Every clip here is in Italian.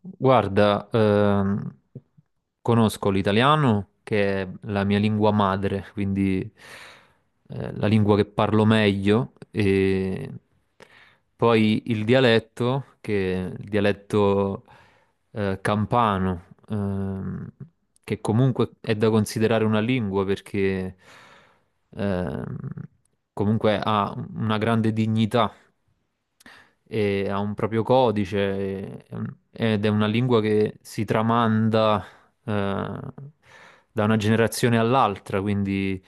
Guarda, conosco l'italiano che è la mia lingua madre, quindi la lingua che parlo meglio, e poi il dialetto, che è il dialetto campano, ehm, che comunque è da considerare una lingua perché ehm, comunque ha una grande dignità e ha un proprio codice e- ed è una lingua che si tramanda eh, da una generazione all'altra, quindi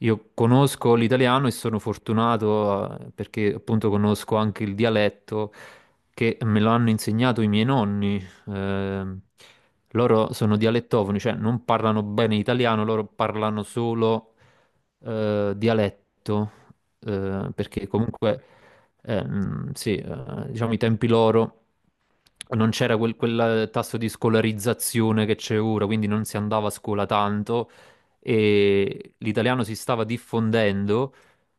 io conosco l'italiano e sono fortunato perché appunto conosco anche il dialetto che me lo hanno insegnato i miei nonni. Loro sono dialettofoni, cioè non parlano bene italiano, loro parlano solo dialetto, perché comunque, sì, diciamo i tempi loro non c'era quel tasso di scolarizzazione che c'è ora, quindi non si andava a scuola tanto e l'italiano si stava diffondendo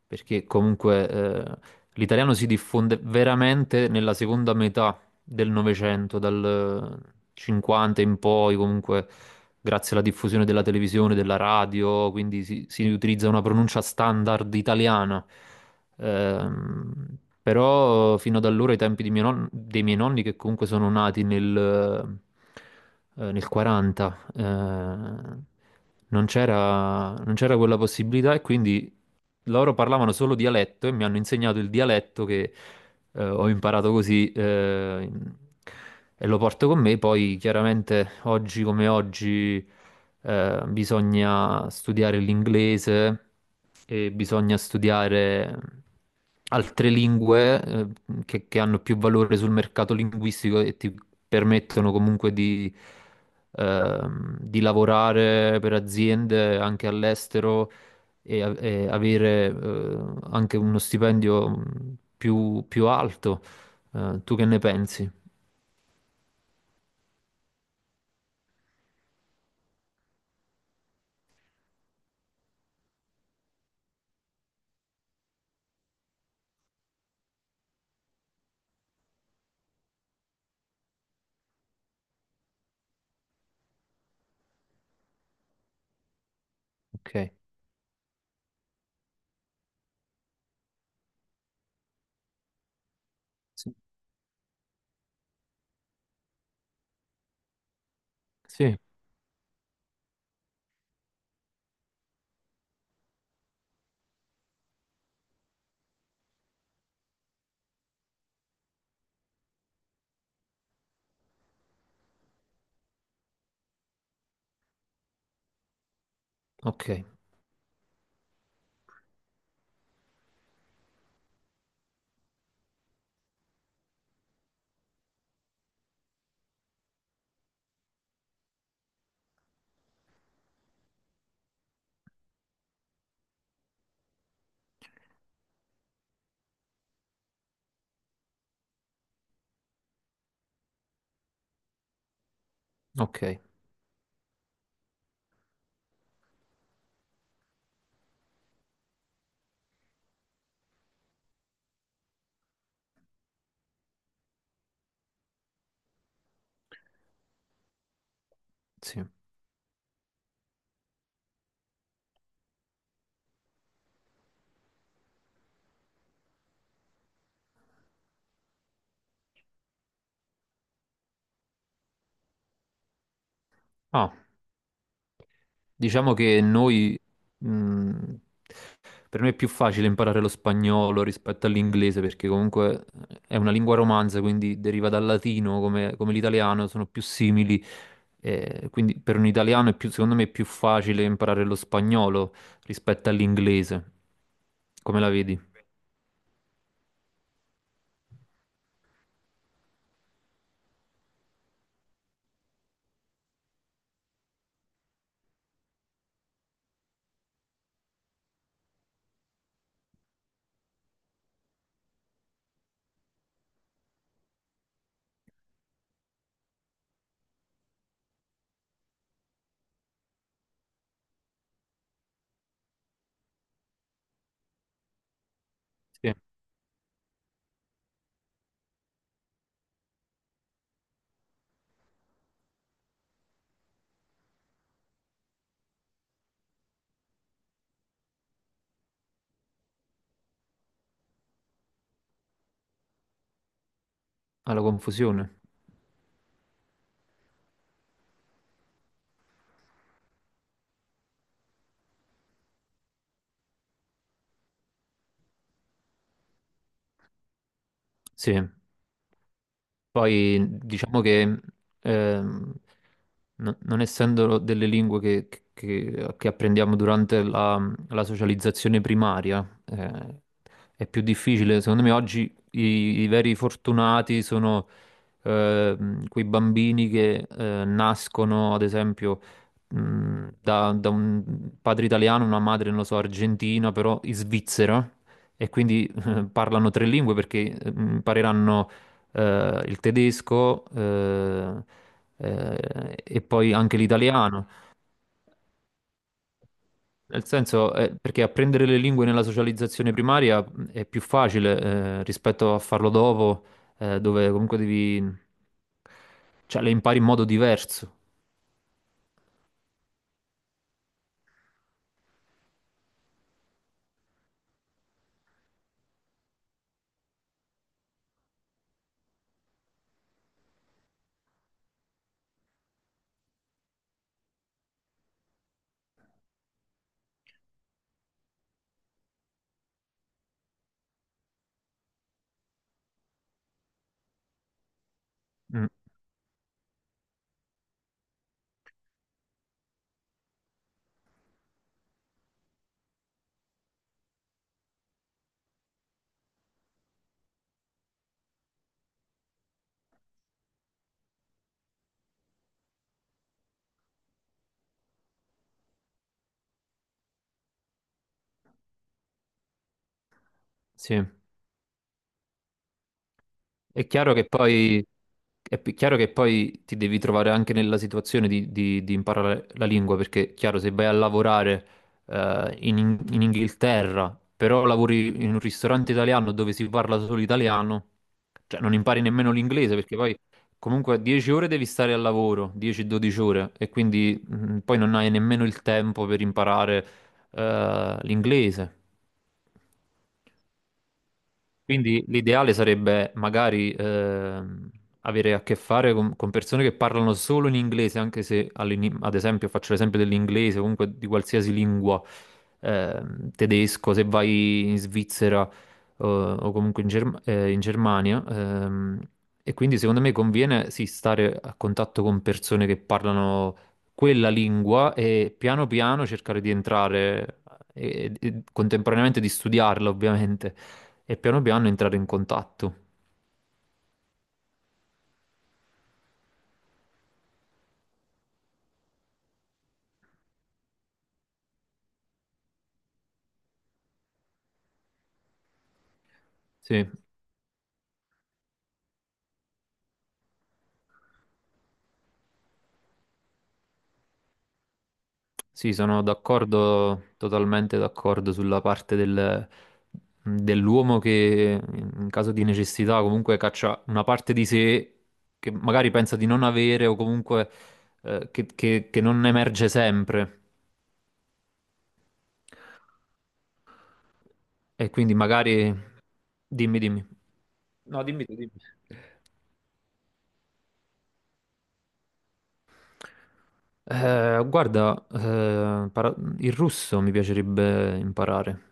perché comunque l'italiano si diffonde veramente nella seconda metà del Novecento, dal 50 in poi, comunque grazie alla diffusione della televisione, della radio, quindi si utilizza una pronuncia standard italiana. Però fino ad allora, ai tempi di mio non- dei miei nonni, che comunque sono nati nel 40, non c'era quella possibilità e quindi loro parlavano solo dialetto e mi hanno insegnato il dialetto che ho imparato così e lo porto con me. Poi chiaramente oggi come oggi bisogna studiare l'inglese e bisogna studiare altre lingue che hanno più valore sul mercato linguistico e ti permettono comunque di lavorare per aziende anche all'estero e avere anche uno stipendio più alto. Tu che ne pensi? Ok. Sì. Sì, ok, ok, sì. Ah, diciamo che noi, mh, per me è più facile imparare lo spagnolo rispetto all'inglese perché comunque è una lingua romanza, quindi deriva dal latino come, come l'italiano, sono più simili. Quindi per un italiano è secondo me è più facile imparare lo spagnolo rispetto all'inglese. Come la vedi? Sì. Alla confusione? Sì. Poi diciamo che ehm, non essendo delle lingue che apprendiamo durante la socializzazione primaria, è più difficile. Secondo me oggi i veri fortunati sono quei bambini che nascono, ad esempio, da un padre italiano, una madre, non lo so, argentina, però in Svizzera, e quindi parlano tre lingue perché impareranno il tedesco e poi anche l'italiano. Nel senso, perché apprendere le lingue nella socializzazione primaria è più facile rispetto a farlo dopo, dove comunque devi, cioè, le impari in modo diverso. Mm, sì. È chiaro che poi, chiaro che poi ti devi trovare anche nella situazione di, di imparare la lingua, perché chiaro, se vai a lavorare in, in Inghilterra, però lavori in un ristorante italiano dove si parla solo italiano, cioè non impari nemmeno l'inglese, perché poi comunque 10 ore devi stare al lavoro, 10-12 ore, e quindi poi non hai nemmeno il tempo per imparare l'inglese. Quindi l'ideale sarebbe magari avere a che fare con persone che parlano solo in inglese, anche se ad esempio faccio l'esempio dell'inglese, comunque di qualsiasi lingua, tedesco, se vai in Svizzera o comunque in, in Germania. E quindi secondo me conviene sì, stare a contatto con persone che parlano quella lingua e piano piano cercare di entrare e contemporaneamente di studiarla, ovviamente e piano piano entrare in contatto. Sì, sì, sono d'accordo, totalmente d'accordo sulla parte dell'uomo che in caso di necessità comunque caccia una parte di sé che magari pensa di non avere o comunque che non emerge sempre. E quindi magari. Dimmi, dimmi. No, dimmi tu, dimmi. Guarda, il russo mi piacerebbe imparare.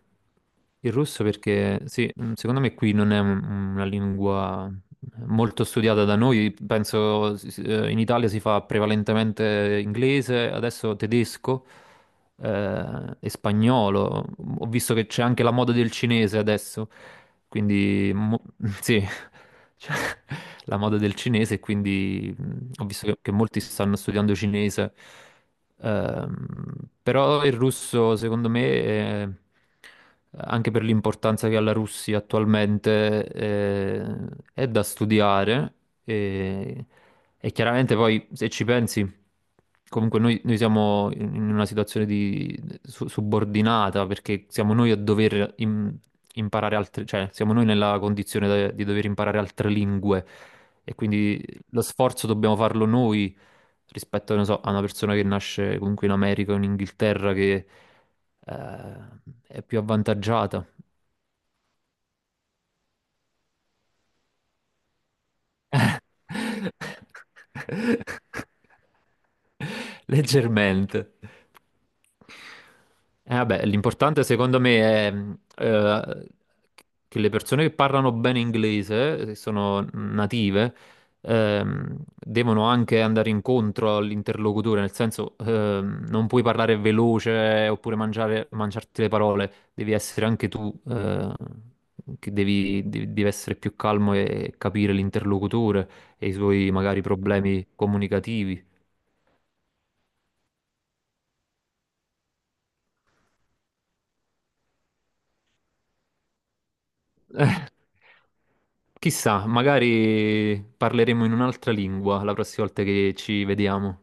Il russo perché, sì, secondo me qui non è una lingua molto studiata da noi, penso in Italia si fa prevalentemente inglese, adesso tedesco e spagnolo. Ho visto che c'è anche la moda del cinese adesso, quindi sì, cioè, la moda del cinese, e quindi ho visto che molti stanno studiando cinese. Ehm, Però il russo, secondo me, anche per l'importanza che ha la Russia attualmente, è da studiare e, e chiaramente poi se ci pensi, comunque noi siamo in una situazione di subordinata perché siamo noi a dover imparare altre, cioè siamo noi nella condizione di dover imparare altre lingue e quindi lo sforzo dobbiamo farlo noi rispetto, non so, a una persona che nasce comunque in America o in Inghilterra che eh, è più avvantaggiata. Leggermente. Vabbè, l'importante secondo me è che le persone che parlano bene inglese, che sono native, devono anche andare incontro all'interlocutore, nel senso non puoi parlare veloce oppure mangiarti le parole, devi essere anche tu, che devi essere più calmo e capire l'interlocutore e i suoi magari problemi comunicativi. Eh, Chissà, magari parleremo in un'altra lingua la prossima volta che ci vediamo.